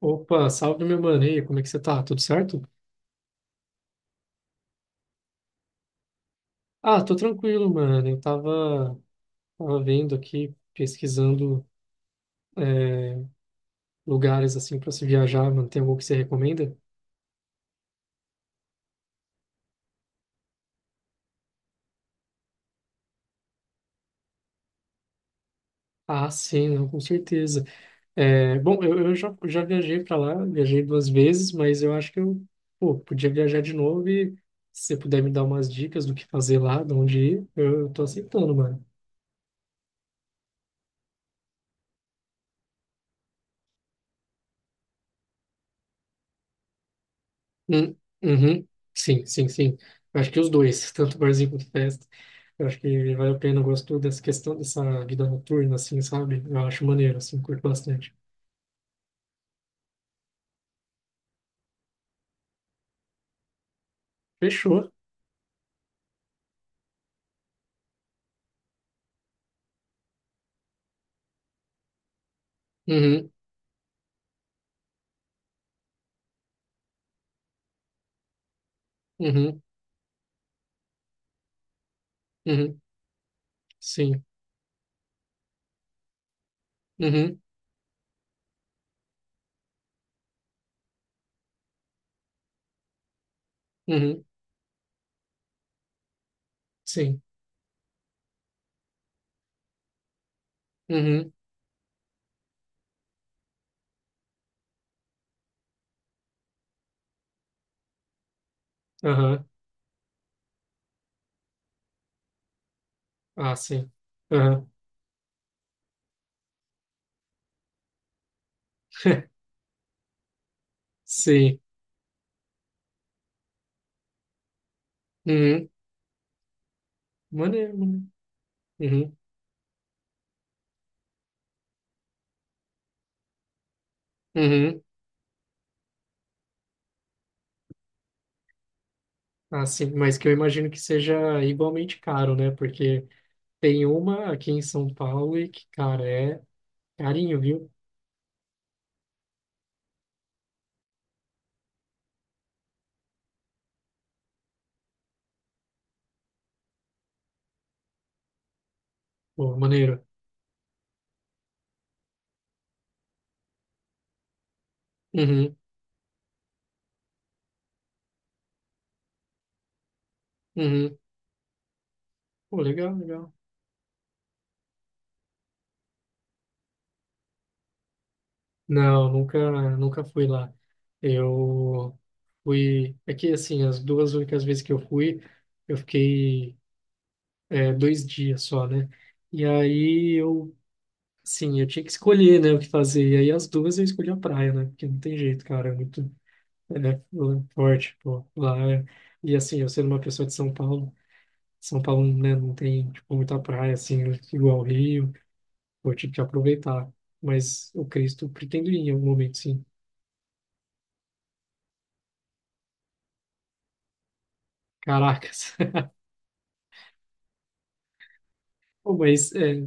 Opa, salve meu mano, e aí, como é que você tá? Tudo certo? Ah, tô tranquilo, mano. Eu tava vendo aqui, pesquisando é, lugares assim pra se viajar, mano. Tem algum que você recomenda? Ah, sim, não, com certeza. É, bom, eu já viajei pra lá, viajei duas vezes, mas eu acho que eu, pô, podia viajar de novo e se você puder me dar umas dicas do que fazer lá, de onde ir, eu tô aceitando, mano. Hum, uhum. Sim, sim, sim. Eu acho que os dois, tanto barzinho quanto festa. Eu acho que vale a pena. Eu gosto dessa questão dessa vida noturna, assim, sabe? Eu acho maneiro, assim, curto bastante. Fechou. Uhum, uhum, uhum. Sim. Uhum, uhum. Sim. Uhum. Aham. Ah, sim. Aham. Sim. Uhum. Maneiro, maneiro. Uhum. Uhum. Ah, sim. Mas que eu imagino que seja igualmente caro, né? Porque tem uma aqui em São Paulo e que, cara, é. Carinho, viu? Pô, maneiro. Uhum, uhum. Pô, legal, legal. Não, nunca, nunca fui lá. Eu fui. É que, assim, as duas únicas vezes que eu fui, eu fiquei 2 dias só, né? E aí eu, sim, eu tinha que escolher, né, o que fazer. E aí as duas eu escolhi a praia, né? Porque não tem jeito, cara. É muito é, forte, pô. E, assim, eu sendo uma pessoa de São Paulo, São Paulo, né, não tem, tipo, muita praia, assim, igual Rio. Vou ter que aproveitar. Mas o Cristo pretendo ir em algum momento, sim. Caracas. Pô, Mas, é,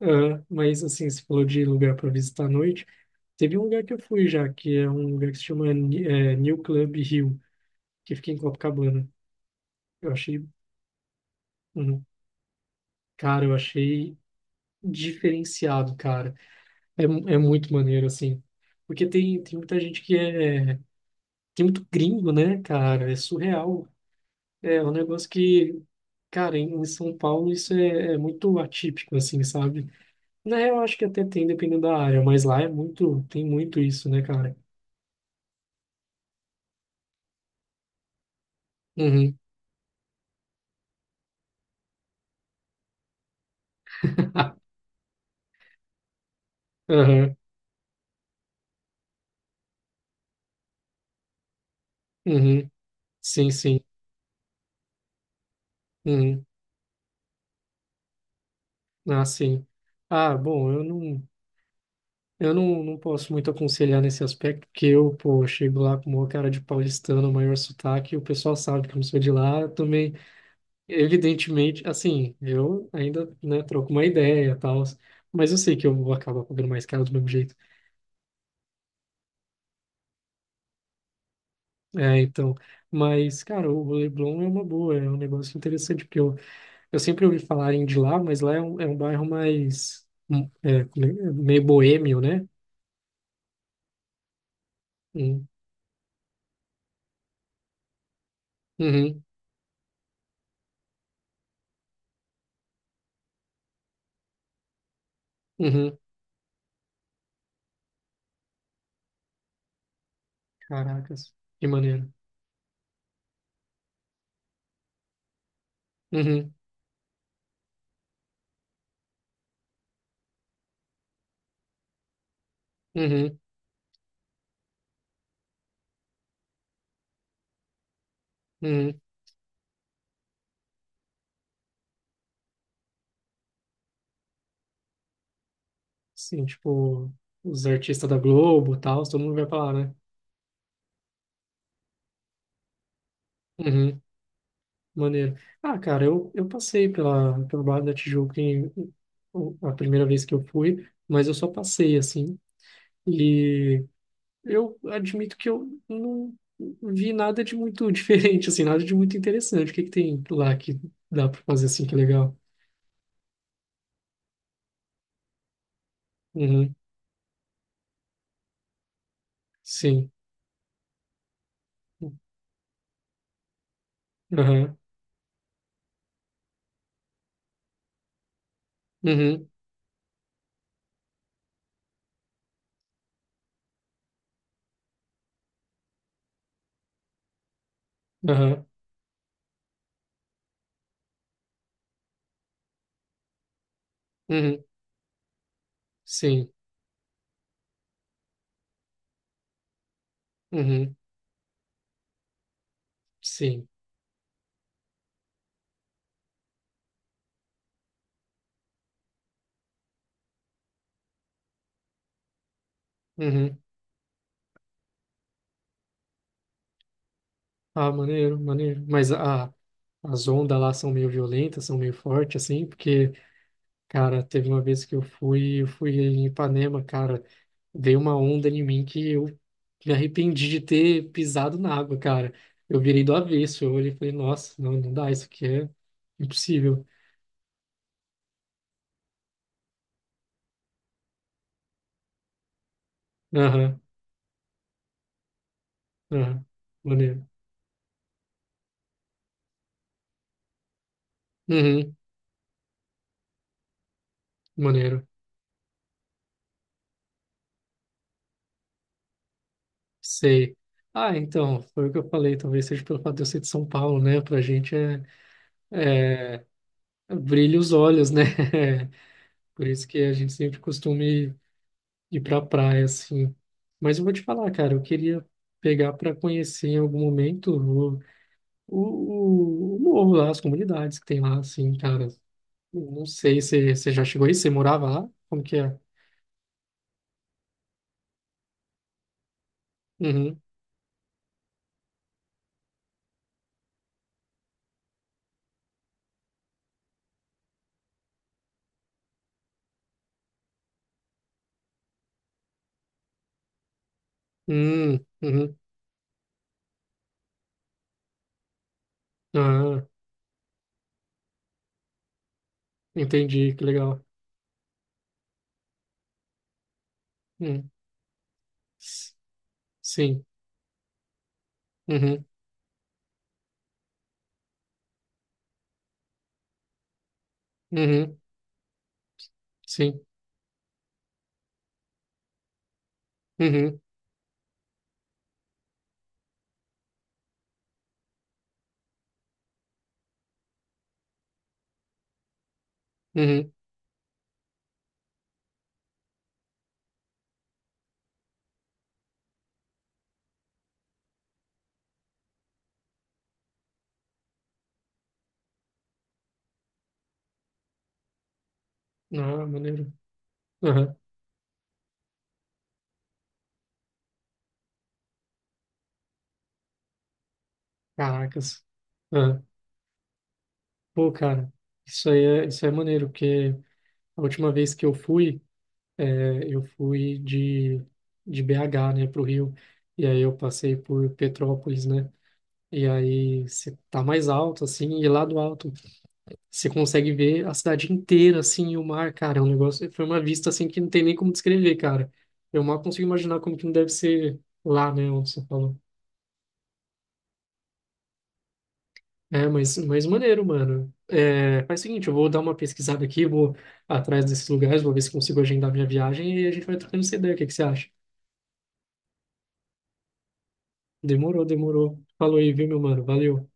ah, mas assim, você falou de lugar para visitar à noite. Teve um lugar que eu fui já, que é um lugar que se chama New Club Hill, que fica em Copacabana. Eu achei, hum, cara, eu achei diferenciado, cara. É, muito maneiro, assim. Porque tem muita gente que é. Tem muito gringo, né, cara? É surreal. É um negócio que, cara, em São Paulo isso é muito atípico, assim, sabe? Na real, eu acho que até tem, dependendo da área, mas lá é muito, tem muito isso, né, cara? Uhum, aham, uhum, sim, sim, uhum, ah, sim. Ah, bom, eu não posso muito aconselhar nesse aspecto, porque eu, pô, chego lá com uma cara de paulistano, maior sotaque, e o pessoal sabe que eu não sou de lá, também. Evidentemente, assim, eu ainda, né, troco uma ideia e tal, mas eu sei que eu vou acabar pagando mais caro do mesmo jeito. É, então, mas, cara, o Leblon é uma boa, é um negócio interessante, porque eu sempre ouvi falarem de lá, mas lá é um, bairro mais, é meio boêmio, né? Hum. Uhum, uhum, caracas, que maneiro. Uhum, uhum, uhum. Sim, tipo, os artistas da Globo e tal, todo mundo vai pra lá, né? Uhum. Maneiro. Ah, cara, eu passei pelo Bar da Tijuca a primeira vez que eu fui, mas eu só passei, assim, e eu admito que eu não vi nada de muito diferente, assim, nada de muito interessante. O que que tem lá que dá pra fazer, assim, que é legal? Uhum, sim. Aham, uhum, aham, uhum, sim, uhum, sim, uhum. Ah, maneiro, maneiro. Mas as ondas lá são meio violentas, são meio fortes, assim, porque. Cara, teve uma vez que eu fui em Ipanema, cara, dei uma onda em mim que eu me arrependi de ter pisado na água, cara. Eu virei do avesso, eu olhei e falei, nossa, não, não dá, isso aqui é impossível. Aham, aham, maneiro. Uhum, maneiro, sei. Ah, então, foi o que eu falei, talvez seja pelo fato de eu ser de São Paulo, né? Pra gente é, brilha os olhos, né? Por isso que a gente sempre costuma ir pra praia, assim. Mas eu vou te falar, cara, eu queria pegar para conhecer em algum momento o morro lá, as comunidades que tem lá, assim, cara. Não sei se você já chegou aí, você morava lá? Como que é? Uhum. Hum, uhum. Ah, entendi, que legal. Hum. S- Sim. Uhum. Uhum. Sim. Uhum. Uhum. Ah, maneiro. Aham. Caracas. Ah. Pô, cara, isso aí é maneiro, porque a última vez que eu fui de, BH, né, para o Rio, e aí eu passei por Petrópolis, né, e aí você tá mais alto, assim, e lá do alto você consegue ver a cidade inteira, assim, e o mar, cara, é um negócio, foi uma vista, assim, que não tem nem como descrever, cara. Eu mal consigo imaginar como que não deve ser lá, né, onde você falou. É, mas maneiro, mano. É, faz o seguinte, eu vou dar uma pesquisada aqui, vou atrás desses lugares, vou ver se consigo agendar minha viagem e a gente vai trocando essa ideia, o que que você acha? Demorou, demorou. Falou aí, viu, meu mano? Valeu.